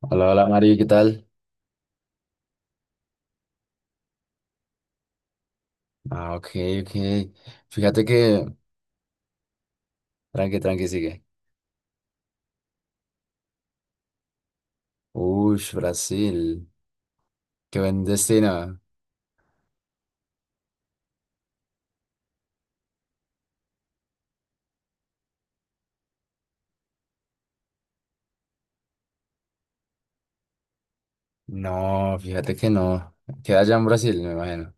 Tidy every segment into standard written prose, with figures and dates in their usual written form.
Hola, hola Mari, ¿qué tal? Ah, ok, ok. Fíjate que, tranqui, tranqui, sigue. Uy, Brasil, qué buen destino. No, fíjate que no. Queda allá en Brasil, me imagino.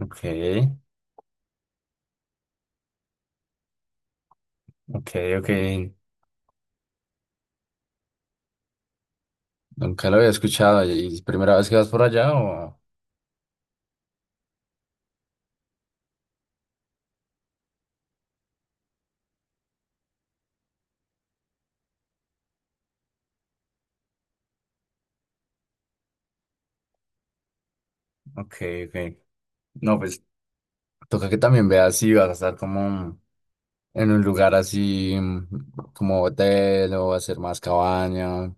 Ok, ok, ok. Nunca lo había escuchado. ¿Y es primera vez que vas por allá o...? Ok, ok. No, pues toca que también veas si vas a estar como en un lugar así, como hotel o hacer más cabaña.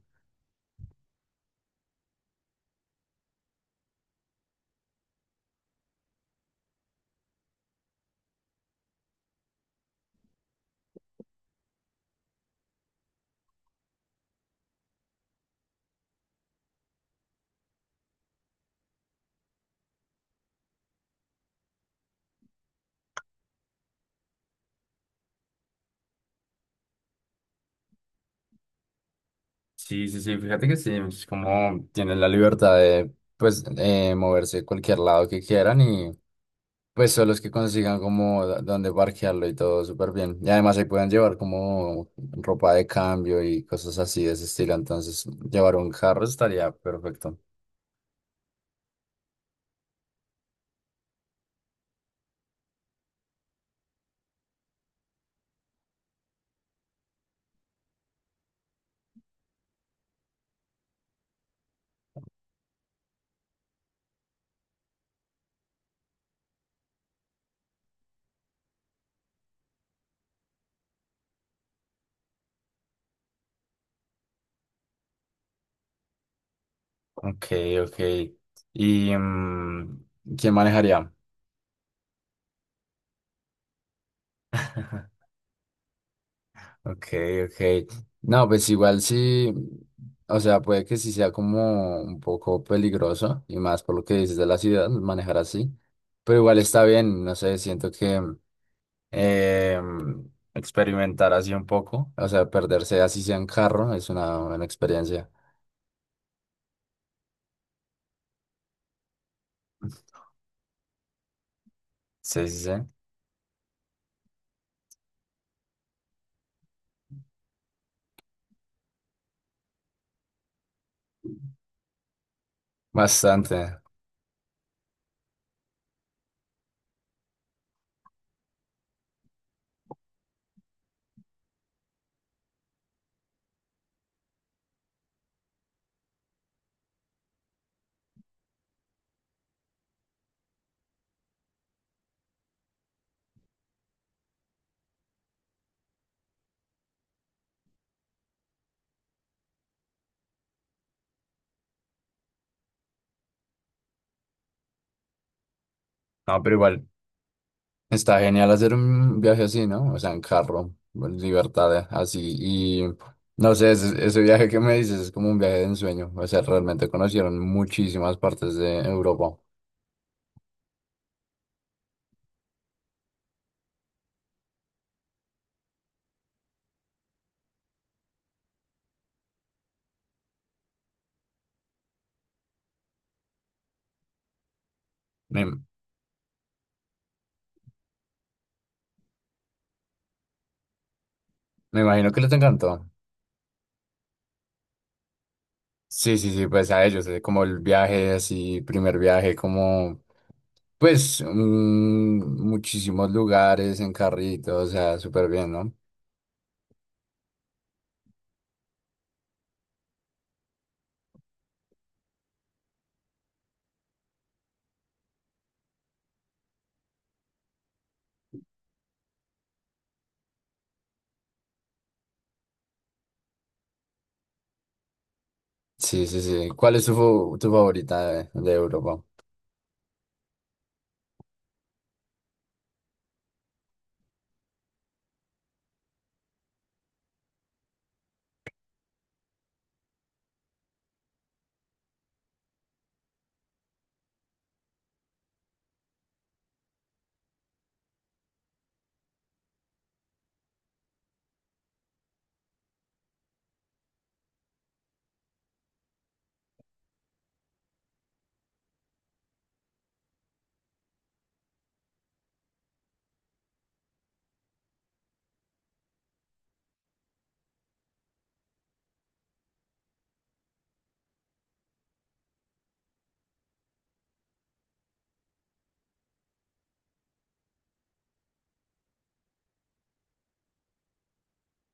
Sí, sí, sí, fíjate que sí, es como tienen la libertad de, pues, moverse a cualquier lado que quieran y, pues, son los que consigan como dónde parquearlo y todo súper bien. Y además ahí pueden llevar como ropa de cambio y cosas así de ese estilo, entonces llevar un carro estaría perfecto. Ok, ok. ¿Y quién manejaría? Ok, ok. No, pues igual sí, o sea, puede que sí sea como un poco peligroso y más por lo que dices de la ciudad, manejar así, pero igual está bien, no sé, siento que eh, experimentar así un poco, o sea, perderse así sea en carro es una buena experiencia. Sí, sí, sí, bastante. No, pero igual. Está genial hacer un viaje así, ¿no? O sea, en carro, en libertad, así. Y no sé, ese viaje que me dices es como un viaje de ensueño. O sea, realmente conocieron muchísimas partes de Europa. Me, me imagino que les encantó. Sí, sí, sí, pues a ellos, como el viaje así, primer viaje, como pues muchísimos lugares en carrito, o sea, súper bien, ¿no? Sí, sí, sí. ¿Cuál es tu, tu favorita de Europa?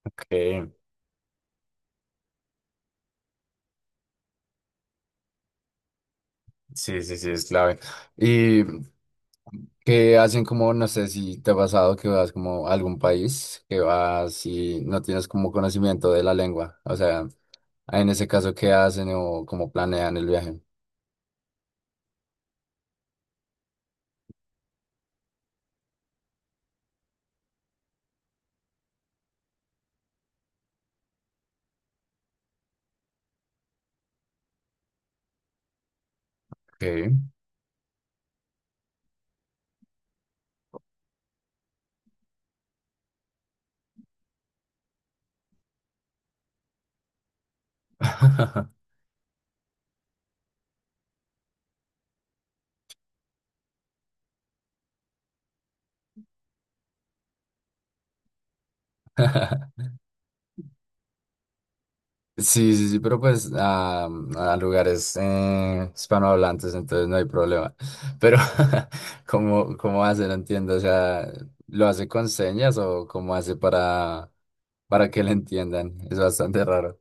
Ok, sí, sí, sí, es clave. Y que hacen como, no sé si te ha pasado que vas como a algún país, que vas y no tienes como conocimiento de la lengua. O sea, en ese caso, ¿qué hacen o cómo planean el viaje? Okay. Sí, sí, sí, pero pues a lugares hispanohablantes, entonces no hay problema. Pero, ¿cómo, cómo hace? No entiendo, o sea, ¿lo hace con señas o cómo hace para que le entiendan? Es bastante raro.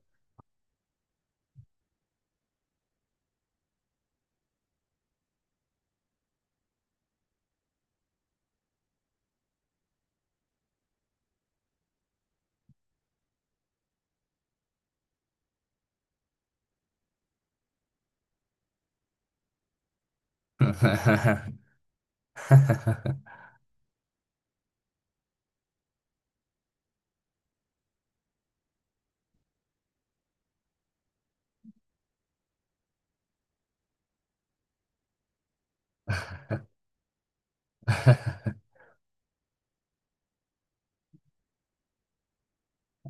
Ok,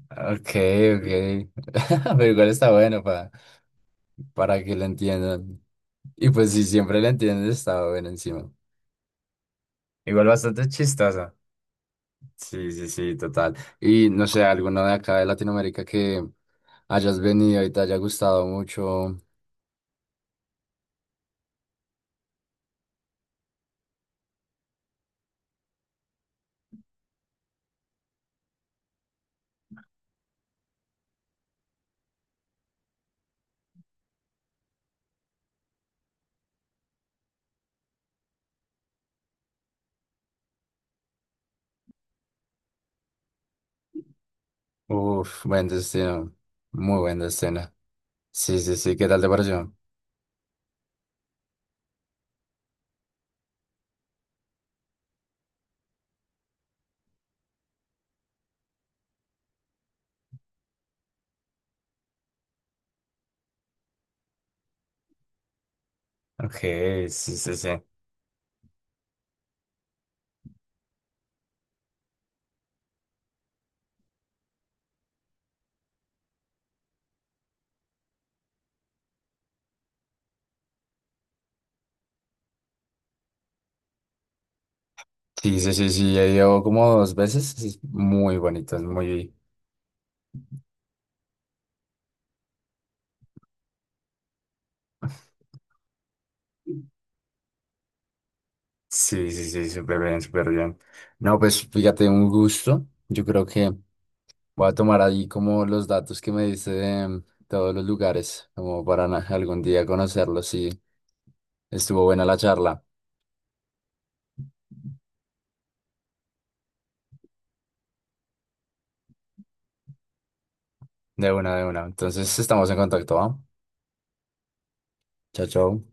ok. Pero igual está bueno para que lo entiendan. Y pues si siempre lo entienden, está bueno encima. Igual bastante chistosa. Sí, sí, sí, total. Y no sé, alguno de acá de Latinoamérica que hayas venido y te haya gustado mucho. Uf, buen destino. Muy buen destino. Sí, sí, sí, ¿qué tal te pareció? Ok, sí, sí, sí. Sí, sí, sí, sí, ya llevo como dos veces. Es muy bonito, es muy, sí, sí, sí, súper bien, súper bien. No, pues fíjate, un gusto. Yo creo que voy a tomar ahí como los datos que me diste de todos los lugares, como para algún día conocerlos. Sí, estuvo buena la charla. De una, de una. Entonces estamos en contacto, ¿va? Chao, chao.